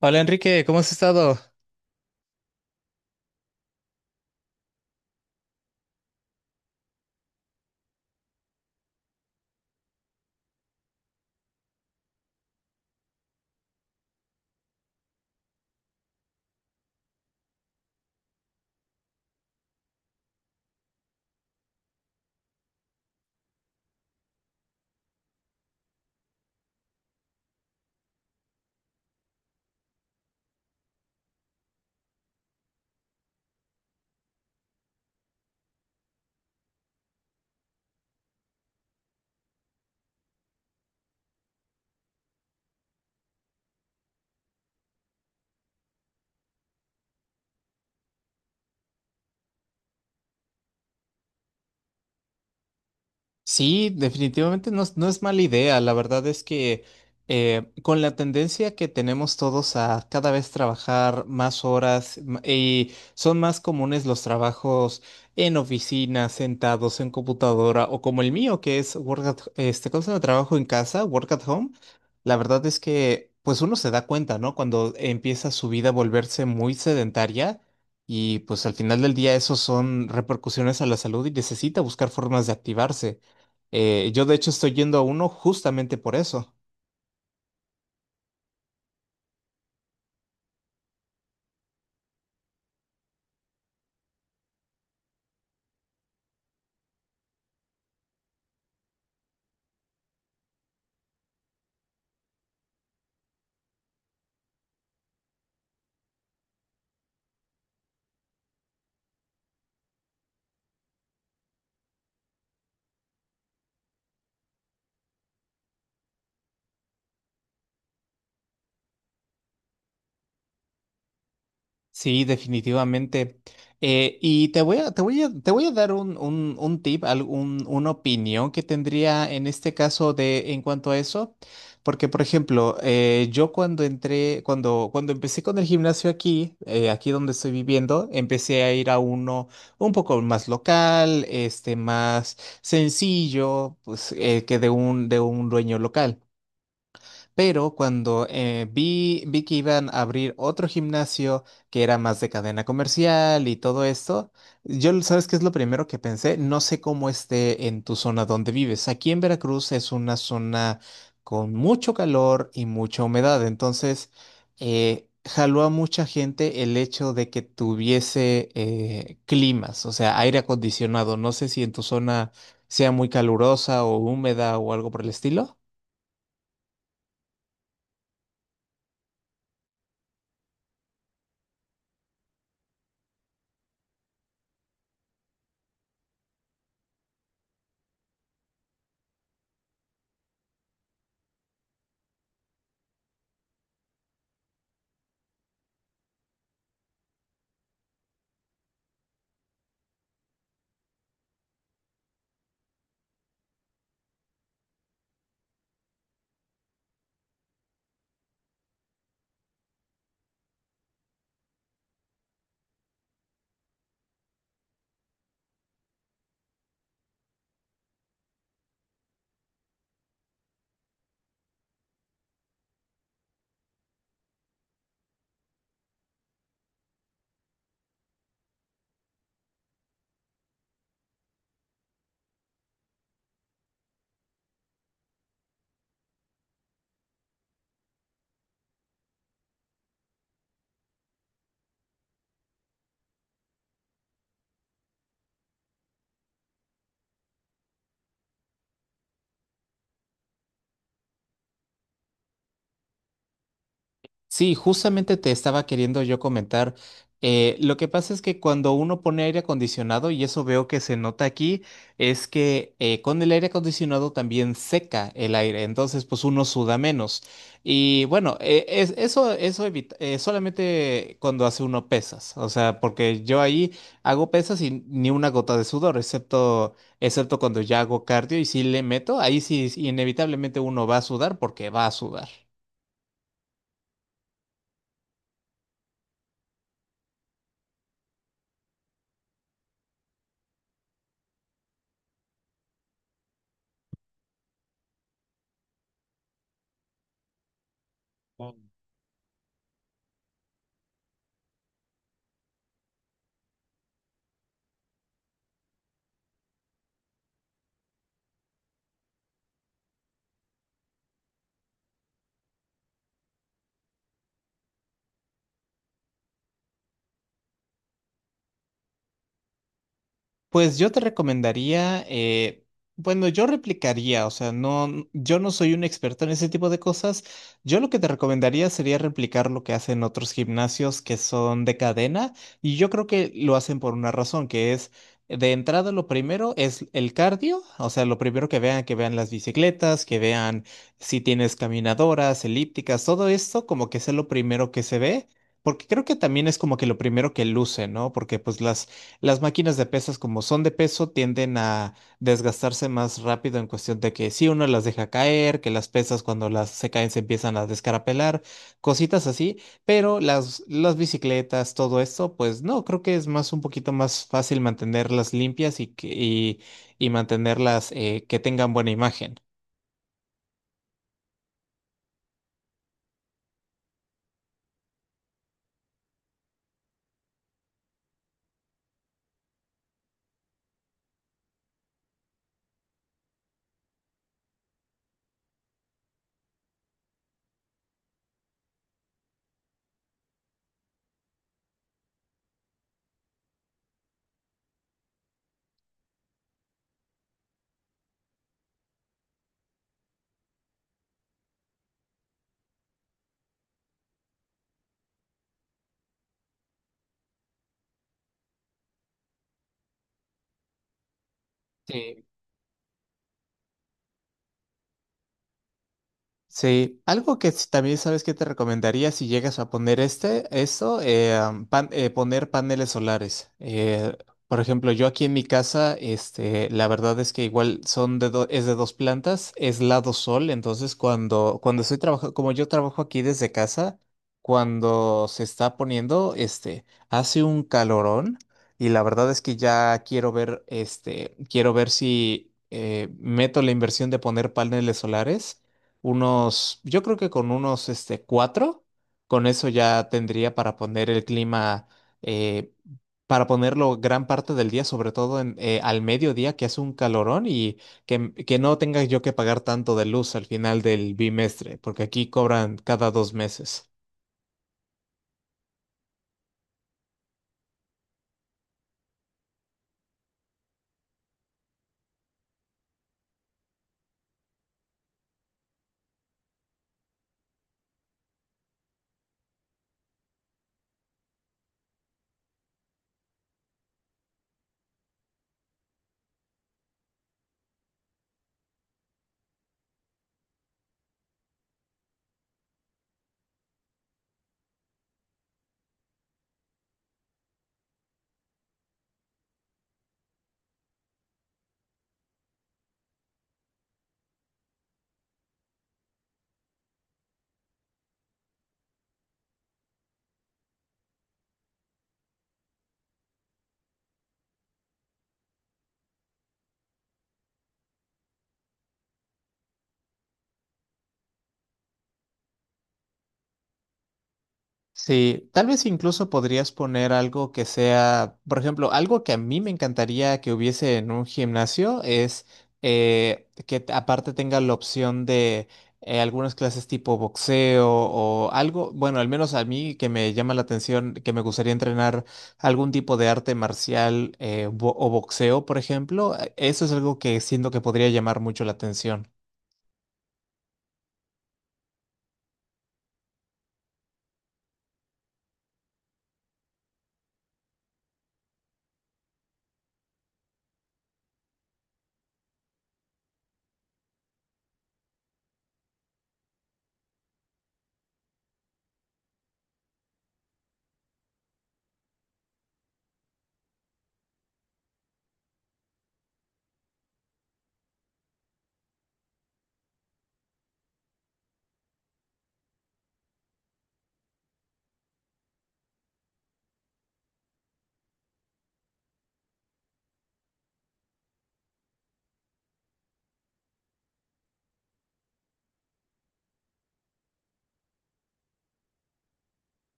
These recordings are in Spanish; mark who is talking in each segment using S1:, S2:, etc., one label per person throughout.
S1: Hola Enrique, ¿cómo has estado? Sí, definitivamente no, es no es mala idea. La verdad es que con la tendencia que tenemos todos a cada vez trabajar más horas y son más comunes los trabajos en oficina, sentados en computadora o como el mío que es work at, este, ¿cómo se llama? Trabajo en casa, work at home. La verdad es que pues uno se da cuenta, ¿no? Cuando empieza su vida a volverse muy sedentaria. Y pues al final del día eso son repercusiones a la salud y necesita buscar formas de activarse. Yo de hecho estoy yendo a uno justamente por eso. Sí, definitivamente. Y te voy a, te voy a, te voy a dar un tip, una opinión que tendría en este caso de en cuanto a eso. Porque, por ejemplo, yo cuando entré, cuando empecé con el gimnasio aquí, aquí donde estoy viviendo, empecé a ir a uno un poco más local, este, más sencillo, pues, que de un dueño local. Pero cuando vi que iban a abrir otro gimnasio que era más de cadena comercial y todo esto, yo, ¿sabes qué es lo primero que pensé? No sé cómo esté en tu zona donde vives. Aquí en Veracruz es una zona con mucho calor y mucha humedad, entonces jaló a mucha gente el hecho de que tuviese climas, o sea, aire acondicionado. No sé si en tu zona sea muy calurosa o húmeda o algo por el estilo. Sí, justamente te estaba queriendo yo comentar. Lo que pasa es que cuando uno pone aire acondicionado, y eso veo que se nota aquí, es que con el aire acondicionado también seca el aire, entonces pues uno suda menos. Y bueno, eso evita, solamente cuando hace uno pesas, o sea, porque yo ahí hago pesas y ni una gota de sudor, excepto cuando ya hago cardio y si le meto, ahí sí inevitablemente uno va a sudar porque va a sudar. Pues yo te recomendaría, bueno, yo replicaría, o sea, yo no soy un experto en ese tipo de cosas. Yo lo que te recomendaría sería replicar lo que hacen otros gimnasios que son de cadena, y yo creo que lo hacen por una razón, que es de entrada lo primero es el cardio, o sea, lo primero que vean las bicicletas, que vean si tienes caminadoras, elípticas, todo esto como que es lo primero que se ve. Porque creo que también es como que lo primero que luce, ¿no? Porque pues las máquinas de pesas, como son de peso, tienden a desgastarse más rápido en cuestión de que si uno las deja caer, que las pesas cuando las se caen se empiezan a descarapelar, cositas así, pero las bicicletas, todo esto, pues no, creo que es más un poquito más fácil mantenerlas limpias y mantenerlas que tengan buena imagen. Sí, sí, algo que también sabes que te recomendaría si llegas a poner este, esto, poner paneles solares. Por ejemplo, yo aquí en mi casa, este, la verdad es que igual son es de 2 plantas, es lado sol, entonces cuando estoy trabajando, como yo trabajo aquí desde casa, cuando se está poniendo, este, hace un calorón y la verdad es que ya quiero ver, este, quiero ver si meto la inversión de poner paneles solares unos, yo creo que con unos este, 4, con eso ya tendría para poner el clima, eh, para ponerlo gran parte del día, sobre todo en, al mediodía, que hace un calorón y que no tenga yo que pagar tanto de luz al final del bimestre, porque aquí cobran cada 2 meses. Sí, tal vez incluso podrías poner algo que sea, por ejemplo, algo que a mí me encantaría que hubiese en un gimnasio es que aparte tenga la opción de algunas clases tipo boxeo o algo, bueno, al menos a mí que me llama la atención, que me gustaría entrenar algún tipo de arte marcial o boxeo, por ejemplo, eso es algo que siento que podría llamar mucho la atención.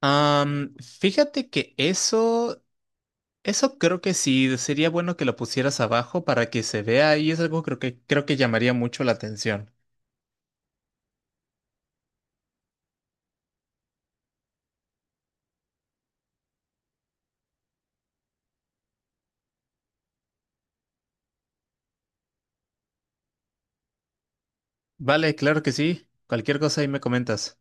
S1: Fíjate que eso creo que sí, sería bueno que lo pusieras abajo para que se vea y es algo creo que llamaría mucho la atención. Vale, claro que sí. Cualquier cosa ahí me comentas.